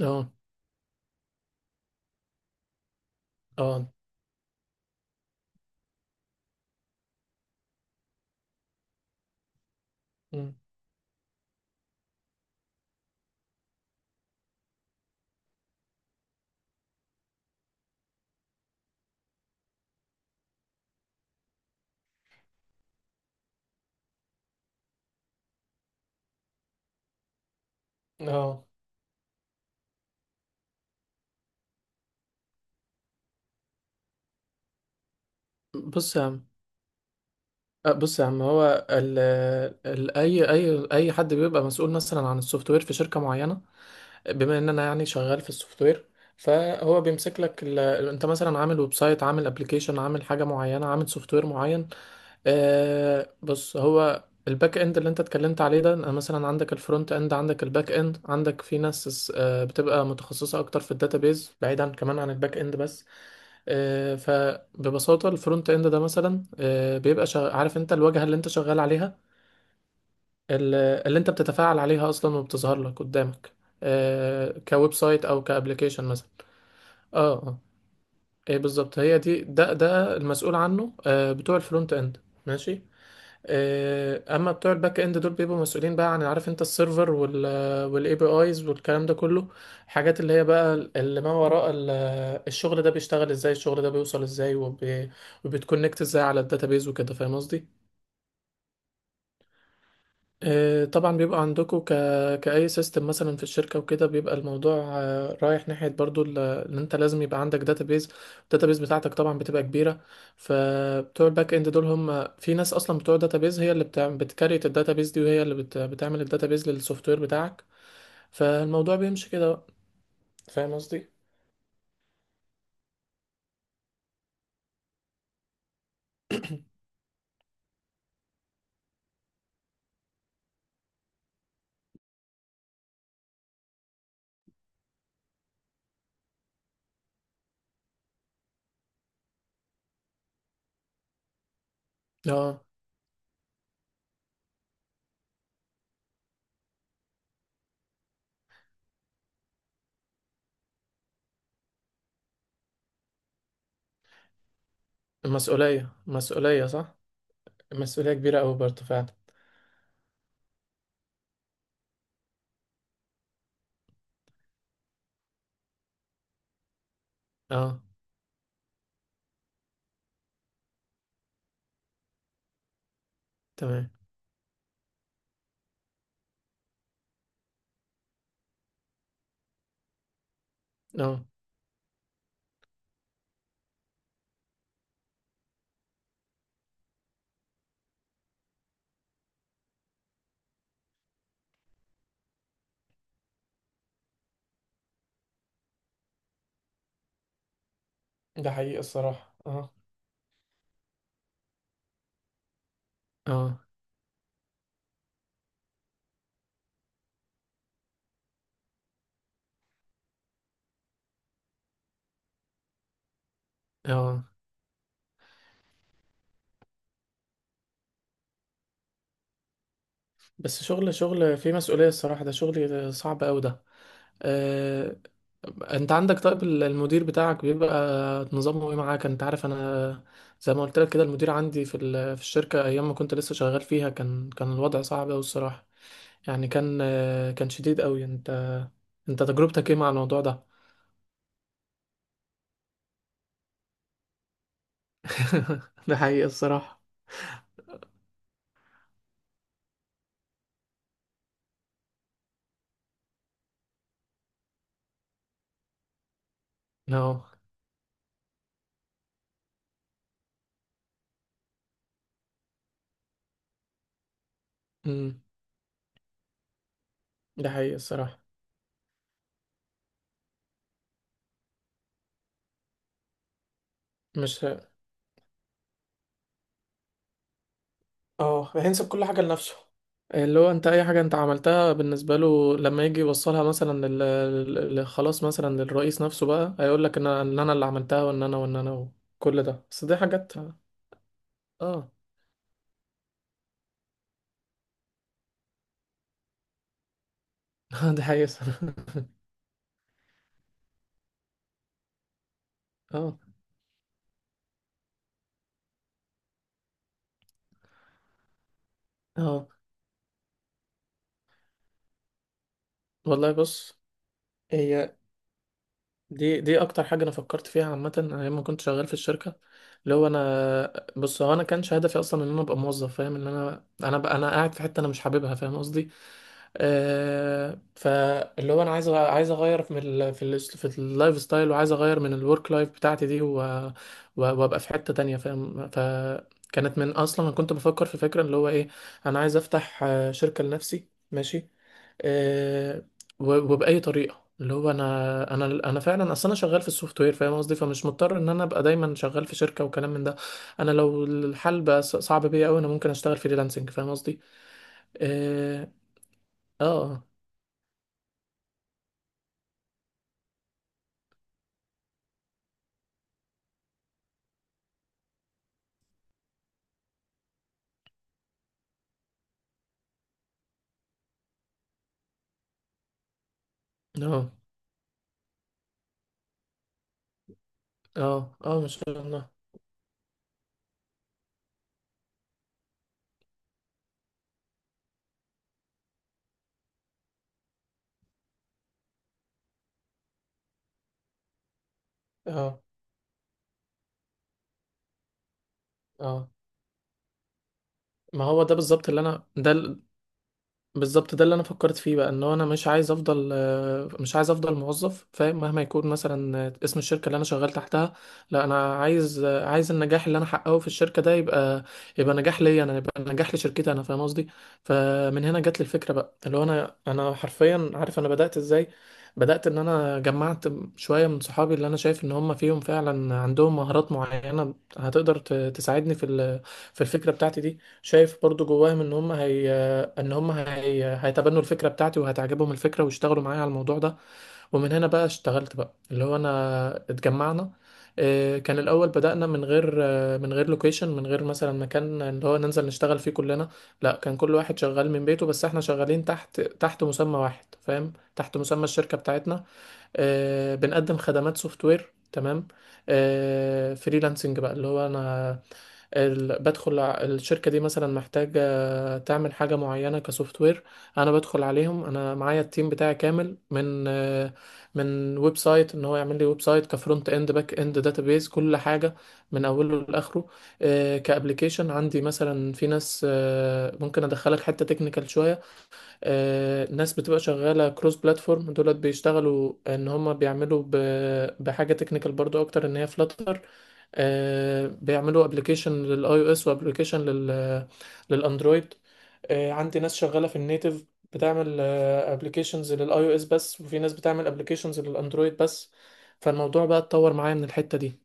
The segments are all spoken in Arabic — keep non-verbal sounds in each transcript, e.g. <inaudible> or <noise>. اه اه مم. اه بص يا عم. بص يا عم هو ال ال اي اي اي حد بيبقى مسؤول مثلا عن السوفت وير في شركه معينه. بما ان انا يعني شغال في السوفت وير، فهو بيمسك لك انت مثلا عامل ويب سايت، عامل ابلكيشن، عامل حاجه معينه، عامل سوفت وير معين. آه، بص هو الباك اند اللي انت اتكلمت عليه ده، أنا مثلا عندك الفرونت اند، عندك الباك اند، عندك في ناس آه بتبقى متخصصة اكتر في الداتابيز بعيدا كمان عن الباك اند بس. آه، فببساطة الفرونت اند ده مثلا بيبقى عارف انت، الواجهة اللي انت شغال عليها، ال- اللي انت بتتفاعل عليها اصلا وبتظهر لك قدامك. آه، كويب سايت او كابليكيشن مثلا. اه. ايه بالظبط، هي دي، ده المسؤول عنه، آه، بتوع الفرونت اند. ماشي. آه، اما بتوع الباك اند دول بيبقوا مسؤولين بقى عن، عارف انت، السيرفر والاي بي ايز والكلام ده كله. حاجات اللي هي بقى اللي ما وراء الشغل ده بيشتغل ازاي، الشغل ده بيوصل ازاي، وبيتكونكت ازاي على الداتابيز وكده، فاهم قصدي؟ آه، طبعا بيبقى عندكم كأي سيستم مثلا في الشركة وكده، بيبقى الموضوع آه رايح ناحية برضو ان انت لازم يبقى عندك داتابيز. الداتابيز بتاعتك طبعا بتبقى كبيرة. فبتوع الباك اند دول، هم في ناس اصلا بتوع داتابيز هي بتكريت الداتابيز دي، وهي اللي بتعمل الداتابيز للسوفت وير بتاعك. فالموضوع بيمشي كده بقى. فاهم قصدي؟ اه. المسؤولية مسؤولية صح؟ مسؤولية كبيرة أوي برضه فعلا. اه، تمام، اه، ده حقيقي الصراحة. اه اه اه بس شغل، شغل فيه مسؤولية الصراحة، ده شغل صعب أوي ده. آه، انت عندك طيب المدير بتاعك بيبقى نظامه ايه معاك؟ انت عارف انا، زي ما قلت لك كده، المدير عندي في في الشركة ايام ما كنت لسه شغال فيها، كان الوضع صعب أوي الصراحة. يعني كان آه، كان شديد أوي. انت، انت تجربتك ايه مع الموضوع ده؟ <laughs> ده حقيقي الصراحة. no. امم، ده حقيقي الصراحة. مش، اه، هينسب كل حاجة لنفسه. اللي هو انت اي حاجة انت عملتها بالنسبة له، لما يجي يوصلها مثلا خلاص، مثلا للرئيس نفسه بقى، هيقول لك ان انا إن أنا اللي عملتها، وان انا وكل ده. بس دي حاجات. اه. <laughs> دي حقيقة. <laughs> اه اه والله بص، هي دي، اكتر حاجه انا فكرت فيها عامه انا لما كنت شغال في الشركه. اللي هو انا، بص، هو انا كانش هدفي اصلا ان انا ابقى موظف، فاهم؟ ان انا، انا بقى انا قاعد في حته انا مش حاببها، فاهم قصدي؟ آه، فاللي هو انا عايز عايز اغير من في اللايف ستايل، وعايز اغير من الورك لايف بتاعتي دي، وابقى في حته تانية، فاهم؟ فكانت من اصلا انا كنت بفكر في فكره اللي هو ايه، انا عايز افتح آه شركه لنفسي. ماشي. آه، وبأي طريقة. اللي هو انا، انا فعلا اصل انا شغال في السوفت وير، فاهم قصدي؟ فمش مضطر ان انا ابقى دايما شغال في شركه وكلام من ده. انا لو الحال بقى صعب بيا قوي، انا ممكن اشتغل فريلانسنج، فاهم قصدي؟ اه اه اه اه، ما شاء الله. اه اه ما هو ده بالظبط اللي انا، ده بالظبط ده اللي انا فكرت فيه بقى، ان هو انا مش عايز افضل آه، مش عايز افضل موظف، فاهم؟ مهما يكون مثلا آه اسم الشركه اللي انا شغال تحتها. لا، انا عايز آه عايز النجاح اللي انا حققه في الشركه ده يبقى، يبقى نجاح ليا انا، يبقى نجاح لشركتي انا، فاهم قصدي؟ فمن هنا جت لي الفكره بقى، اللي هو انا حرفيا، عارف انا بدات ازاي؟ بدات ان انا جمعت شويه من صحابي اللي انا شايف ان هم فيهم فعلا، عندهم مهارات معينه هتقدر تساعدني في في الفكره بتاعتي دي، شايف برضو جواهم ان هيتبنوا الفكره بتاعتي وهتعجبهم الفكره ويشتغلوا معايا على الموضوع ده. ومن هنا بقى اشتغلت بقى، اللي هو انا اتجمعنا. آه، كان الاول بدأنا من غير آه، من غير لوكيشن، من غير مثلا مكان اللي هو ننزل نشتغل فيه كلنا. لا، كان كل واحد شغال من بيته، بس احنا شغالين تحت، تحت مسمى واحد، فاهم؟ تحت مسمى الشركه بتاعتنا. آه، بنقدم خدمات سوفت وير. تمام. آه، فريلانسنج بقى. اللي هو انا بدخل الشركة دي مثلا محتاجة تعمل حاجة معينة كسوفت وير، أنا بدخل عليهم، أنا معايا التيم بتاعي كامل من آه، من ويب سايت، إن هو يعمل لي ويب سايت كفرونت إند، باك إند، داتابيز، كل حاجة من أوله لآخره. آه، كأبليكيشن، عندي مثلا في ناس، آه، ممكن أدخلك حتة تكنيكال شوية، آه، ناس بتبقى شغالة كروس بلاتفورم، دولت بيشتغلوا ان هما بيعملوا بحاجة تكنيكال برضو اكتر، ان هي فلاتر، بيعملوا ابلكيشن للاي او اس وابلكيشن للاندرويد. آه، عندي ناس شغالة في النيتف بتعمل ابلكيشنز للاي او اس بس، وفي ناس بتعمل ابلكيشنز للاندرويد بس. فالموضوع بقى اتطور معايا من الحتة دي.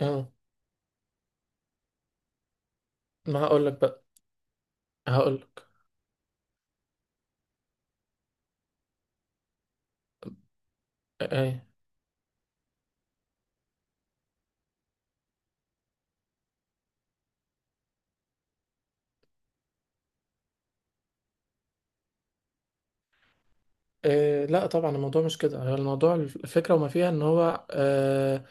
اه. ما هقولك بقى، هقولك. آه، آه. إيه لا طبعا الموضوع مش كده. هو الموضوع الفكرة وما فيها، ان هو آه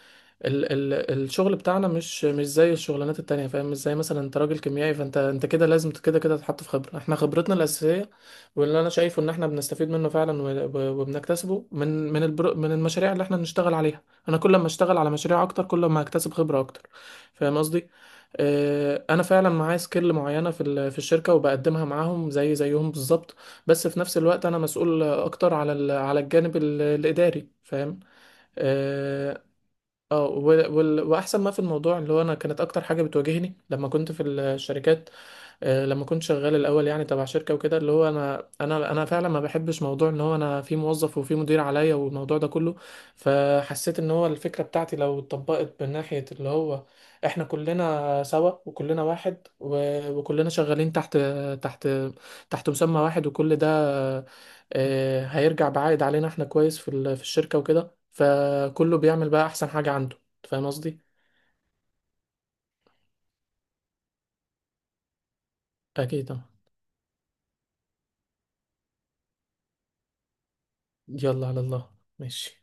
ال الشغل بتاعنا مش، مش زي الشغلانات التانية، فاهم؟ مش زي مثلا انت راجل كيميائي فانت انت كده لازم كده كده تتحط في خبرة. احنا خبرتنا الأساسية، واللي انا شايفه ان احنا بنستفيد منه فعلا وبنكتسبه من من البرو من المشاريع اللي احنا بنشتغل عليها. انا كل ما اشتغل على مشاريع اكتر، كل ما هكتسب خبرة اكتر، فاهم قصدي؟ آه، انا فعلا معايا سكيل معينه في في الشركه، وبقدمها معاهم زي زيهم بالظبط، بس في نفس الوقت انا مسؤول اكتر على على الجانب الاداري، فاهم؟ اه. آه، واحسن ما في الموضوع اللي هو انا، كانت اكتر حاجه بتواجهني لما كنت في الشركات آه، لما كنت شغال الاول، يعني تبع شركه وكده، اللي هو انا، انا فعلا ما بحبش موضوع ان هو انا في موظف وفي مدير عليا والموضوع ده كله. فحسيت ان هو الفكره بتاعتي لو اتطبقت من ناحيه اللي هو احنا كلنا سوا وكلنا واحد، وكلنا شغالين تحت، تحت تحت مسمى واحد، وكل ده آه هيرجع بعائد علينا احنا كويس في في الشركه وكده، فكله بيعمل بقى احسن حاجه عنده، أنت فاهم قصدي؟ اكيد طبعا. يلا على الله. ماشي.